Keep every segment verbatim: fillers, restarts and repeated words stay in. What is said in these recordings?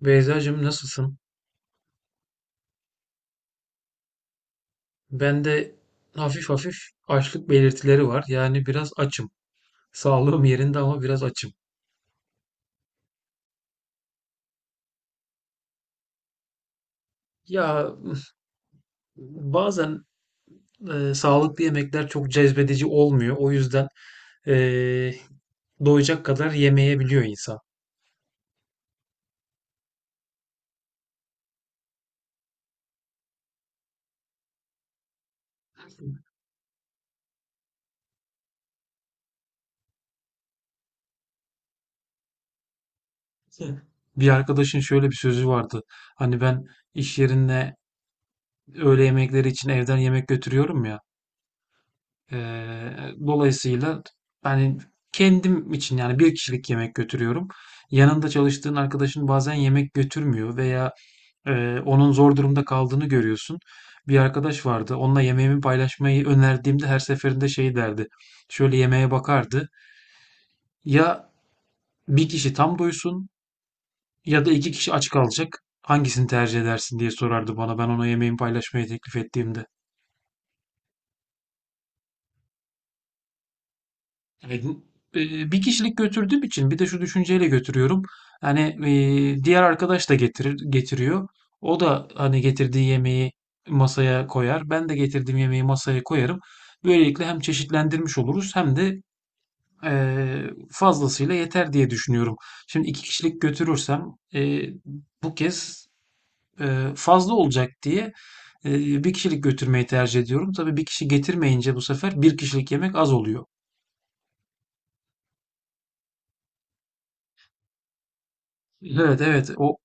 Beyzacığım, nasılsın? Ben de hafif hafif açlık belirtileri var. Yani biraz açım. Sağlığım yerinde ama biraz açım. Ya bazen e, sağlıklı yemekler çok cezbedici olmuyor. O yüzden e, doyacak kadar yemeyebiliyor insan. Bir arkadaşın şöyle bir sözü vardı. Hani ben iş yerine öğle yemekleri için evden yemek götürüyorum ya. Eee, dolayısıyla yani kendim için, yani bir kişilik yemek götürüyorum. Yanında çalıştığın arkadaşın bazen yemek götürmüyor veya eee, onun zor durumda kaldığını görüyorsun. Bir arkadaş vardı. Onunla yemeğimi paylaşmayı önerdiğimde her seferinde şey derdi. Şöyle yemeğe bakardı. Ya bir kişi tam doysun ya da iki kişi aç kalacak. Hangisini tercih edersin diye sorardı bana, ben ona yemeğimi paylaşmayı teklif ettiğimde. Evet, e, bir kişilik götürdüğüm için bir de şu düşünceyle götürüyorum. Hani e, diğer arkadaş da getirir getiriyor. O da hani getirdiği yemeği masaya koyar. Ben de getirdiğim yemeği masaya koyarım. Böylelikle hem çeşitlendirmiş oluruz, hem de e, fazlasıyla yeter diye düşünüyorum. Şimdi iki kişilik götürürsem, e, bu kez e, fazla olacak diye e, bir kişilik götürmeyi tercih ediyorum. Tabii bir kişi getirmeyince bu sefer bir kişilik yemek az oluyor. Evet, evet, o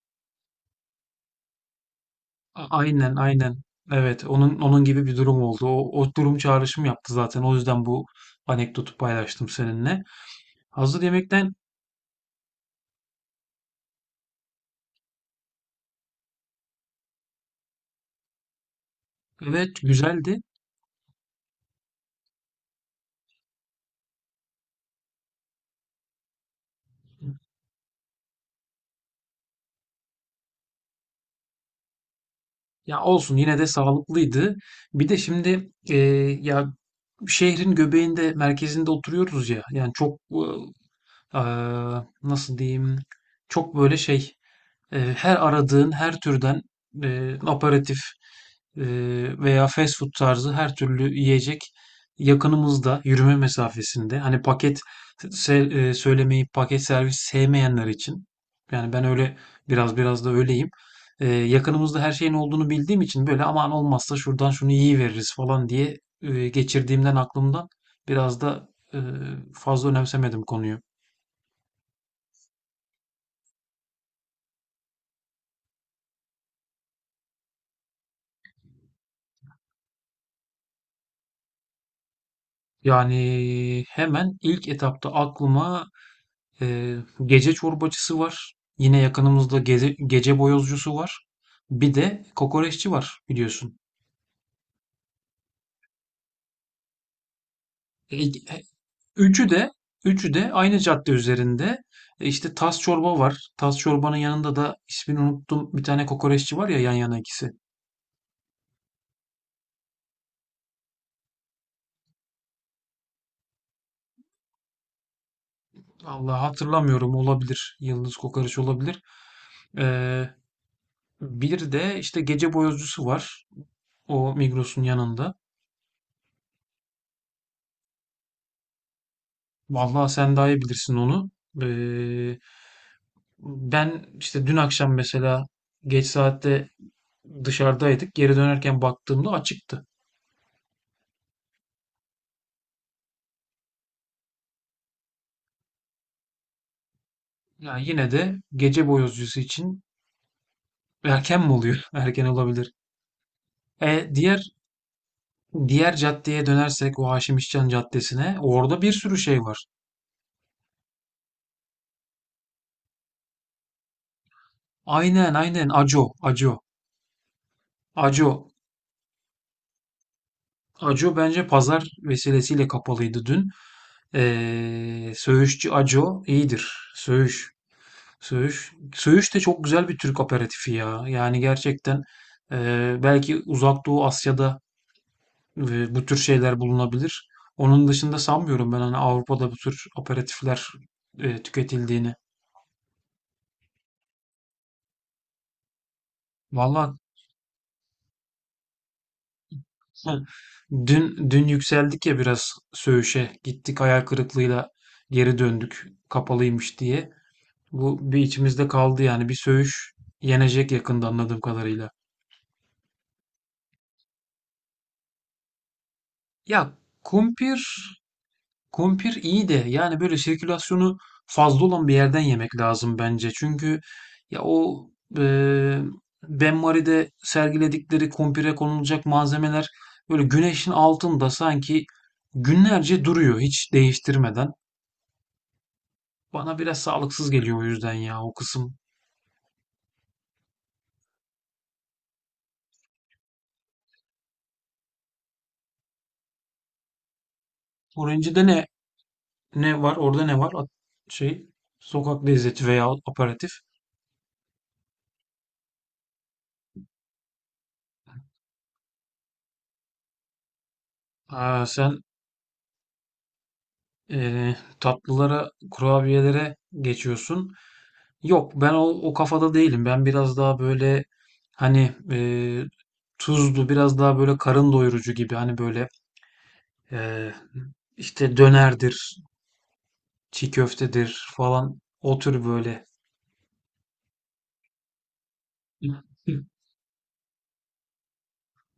A- Aynen aynen. Evet, onun onun gibi bir durum oldu. O, o durum çağrışım yaptı zaten. O yüzden bu anekdotu paylaştım seninle. Hazır yemekten evet, güzeldi. Ya olsun, yine de sağlıklıydı. Bir de şimdi, e, ya, şehrin göbeğinde, merkezinde oturuyoruz ya. Yani çok e, e, nasıl diyeyim, çok böyle şey Eee, her aradığın her türden eee aperatif eee, veya fast food tarzı her türlü yiyecek yakınımızda, yürüme mesafesinde. Hani paket se eee, söylemeyi, paket servis sevmeyenler için. Yani ben öyle, biraz biraz da öyleyim. Eee, yakınımızda her şeyin olduğunu bildiğim için, böyle aman olmazsa şuradan şunu yiyiveririz falan diye eee, geçirdiğimden aklımdan, biraz da eee, fazla önemsemedim konuyu. Yani hemen ilk etapta aklıma Ee, gece çorbacısı var. Yine yakınımızda geze- gece boyozcusu var. Bir de kokoreççi var, biliyorsun. E, e, Üçü de üçü de aynı cadde üzerinde. E, işte tas çorba var. Tas çorbanın yanında da ismini unuttum. Bir tane kokoreççi var ya, yan yana ikisi. Allah, hatırlamıyorum, olabilir. Yıldız kokoreç olabilir. Ee, Bir de işte gece boyozcusu var. O Migros'un yanında. Vallahi sen daha iyi bilirsin onu. Ee, Ben işte dün akşam mesela, geç saatte dışarıdaydık. Geri dönerken baktığımda açıktı. Yani yine de gece boyozcusu için erken mi oluyor? Erken olabilir. E, diğer diğer caddeye dönersek, o Haşim İşcan Caddesi'ne, orada bir sürü şey var. Aynen, aynen, Aco Aco Aco Aco bence pazar vesilesiyle kapalıydı dün. Ee, söğüşçü Aco iyidir. Söğüş Söğüş, Söğüş de çok güzel bir Türk aperatifi ya. Yani gerçekten, e, belki Uzak Doğu Asya'da e, bu tür şeyler bulunabilir. Onun dışında sanmıyorum ben hani Avrupa'da bu tür aperatifler e, tüketildiğini. Valla, dün dün yükseldik ya biraz Söğüş'e. Gittik, hayal kırıklığıyla geri döndük, kapalıymış diye. Bu bir içimizde kaldı, yani bir Söğüş yenecek yakında anladığım kadarıyla. Ya kumpir, kumpir iyi de, yani böyle sirkülasyonu fazla olan bir yerden yemek lazım bence. Çünkü ya o e, Ben Mary'de sergiledikleri kumpire konulacak malzemeler böyle güneşin altında sanki günlerce duruyor, hiç değiştirmeden. Bana biraz sağlıksız geliyor, o yüzden ya o kısım. Orange'de ne ne var? Orada ne var? At- Şey, Sokak lezzeti veya aperatif. Aa, sen e, tatlılara, kurabiyelere geçiyorsun. Yok, ben o, o kafada değilim. Ben biraz daha böyle, hani, e, tuzlu, biraz daha böyle karın doyurucu gibi, hani böyle e, işte dönerdir, çiğ köftedir falan, o tür böyle.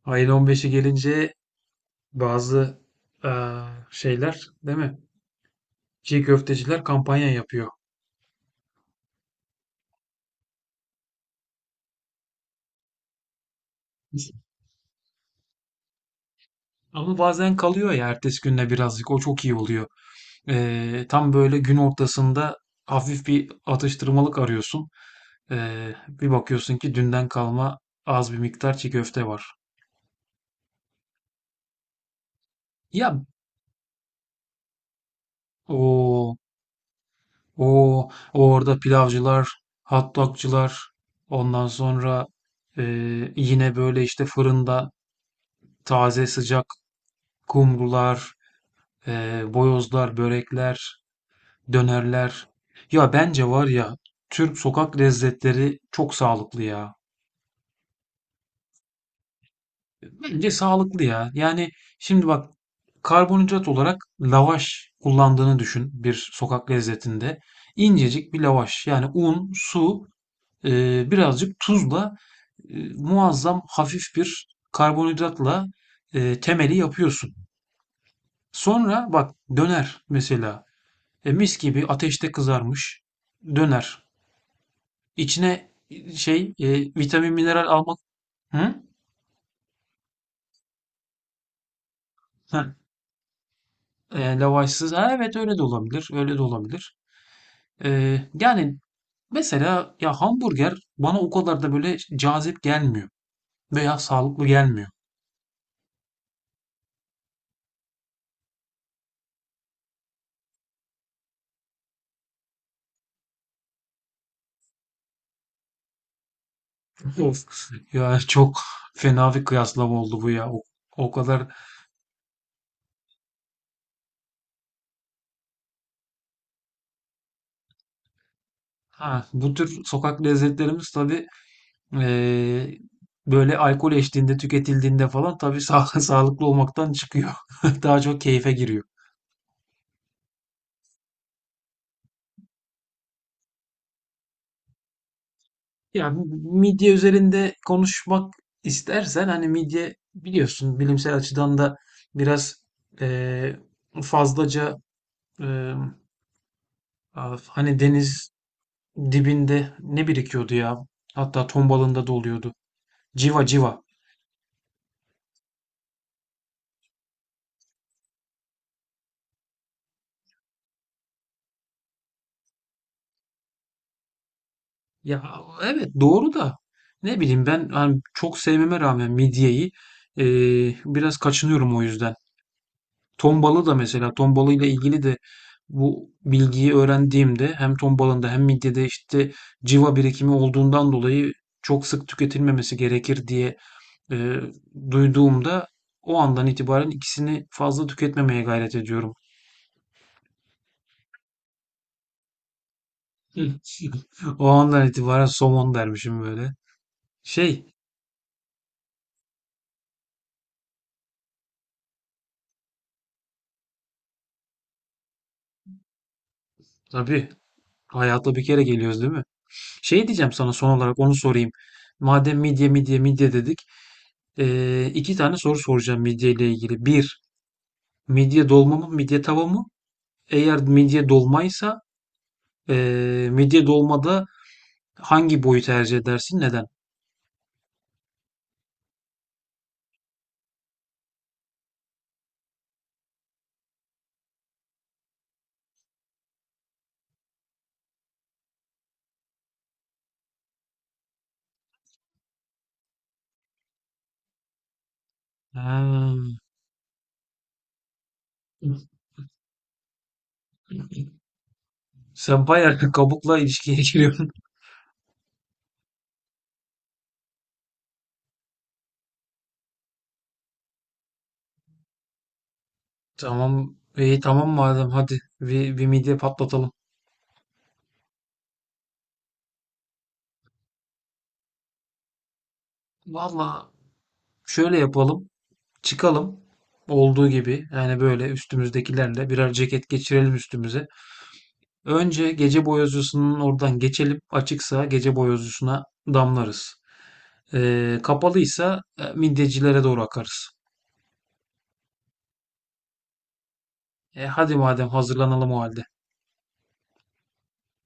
Ayın on beşi gelince bazı e, şeyler, değil mi? Çiğ köfteciler kampanya yapıyor. Ama bazen kalıyor ya ertesi günde birazcık, o çok iyi oluyor. Eee, tam böyle gün ortasında hafif bir atıştırmalık arıyorsun. Eee, bir bakıyorsun ki dünden kalma az bir miktar çiğ köfte var. Ya o o orada pilavcılar, hot dogcular, ondan sonra eee, yine böyle işte fırında taze sıcak kumrular, eee, boyozlar, börekler, dönerler. Ya bence var ya, Türk sokak lezzetleri çok sağlıklı ya. Bence sağlıklı ya. Yani şimdi bak, karbonhidrat olarak lavaş kullandığını düşün bir sokak lezzetinde. İncecik bir lavaş. Yani un, su, e, birazcık tuzla e, muazzam hafif bir karbonhidratla e, temeli yapıyorsun. Sonra bak, döner mesela. E, mis gibi ateşte kızarmış döner. İçine şey e, vitamin, mineral almak. Hı? Ha, e, lavaşsız. Ha, evet, öyle de olabilir. Öyle de olabilir. Ee, yani mesela ya, hamburger bana o kadar da böyle cazip gelmiyor veya sağlıklı gelmiyor. Of. Ya çok fena bir kıyaslama oldu bu ya. O, o kadar. Ha, bu tür sokak lezzetlerimiz tabii ee, böyle alkol eşliğinde tüketildiğinde falan tabii sağ- sağlıklı olmaktan çıkıyor. Daha çok keyfe giriyor. Ya bu midye üzerinde konuşmak istersen, hani midye, biliyorsun, bilimsel açıdan da biraz eee, fazlaca eee, ah, hani deniz dibinde ne birikiyordu ya, hatta ton balığında da oluyordu. Civa civa. Ya evet, doğru da, ne bileyim, ben hani çok sevmeme rağmen midyeyi eee, biraz kaçınıyorum o yüzden. Tombala da mesela, tombala ile ilgili de bu bilgiyi öğrendiğimde, hem tombalında hem midyede işte civa birikimi olduğundan dolayı çok sık tüketilmemesi gerekir diye e, duyduğumda, o andan itibaren ikisini fazla tüketmemeye gayret ediyorum. Hı. O andan itibaren somon dermişim böyle. Şey, tabii hayata bir kere geliyoruz, değil mi? Şey diyeceğim sana, son olarak onu sorayım. Madem midye midye midye dedik, eee, iki tane soru soracağım midye ile ilgili. Bir, midye dolma mı, midye tava mı? Eğer midye dolmaysa, eee, midye dolmada hangi boyu tercih edersin? Neden? Ha. Sen bayağı kabukla ilişkiye giriyorsun. Tamam. İyi, tamam, madem, hadi bir, bir midye patlatalım. Valla, şöyle yapalım. Çıkalım. Olduğu gibi yani, böyle üstümüzdekilerle birer ceket geçirelim üstümüze. Önce gece boyozcusunun oradan geçelim. Açıksa gece boyozcusuna damlarız. Ee, kapalıysa e, midyecilere doğru akarız. E, hadi madem, hazırlanalım o halde.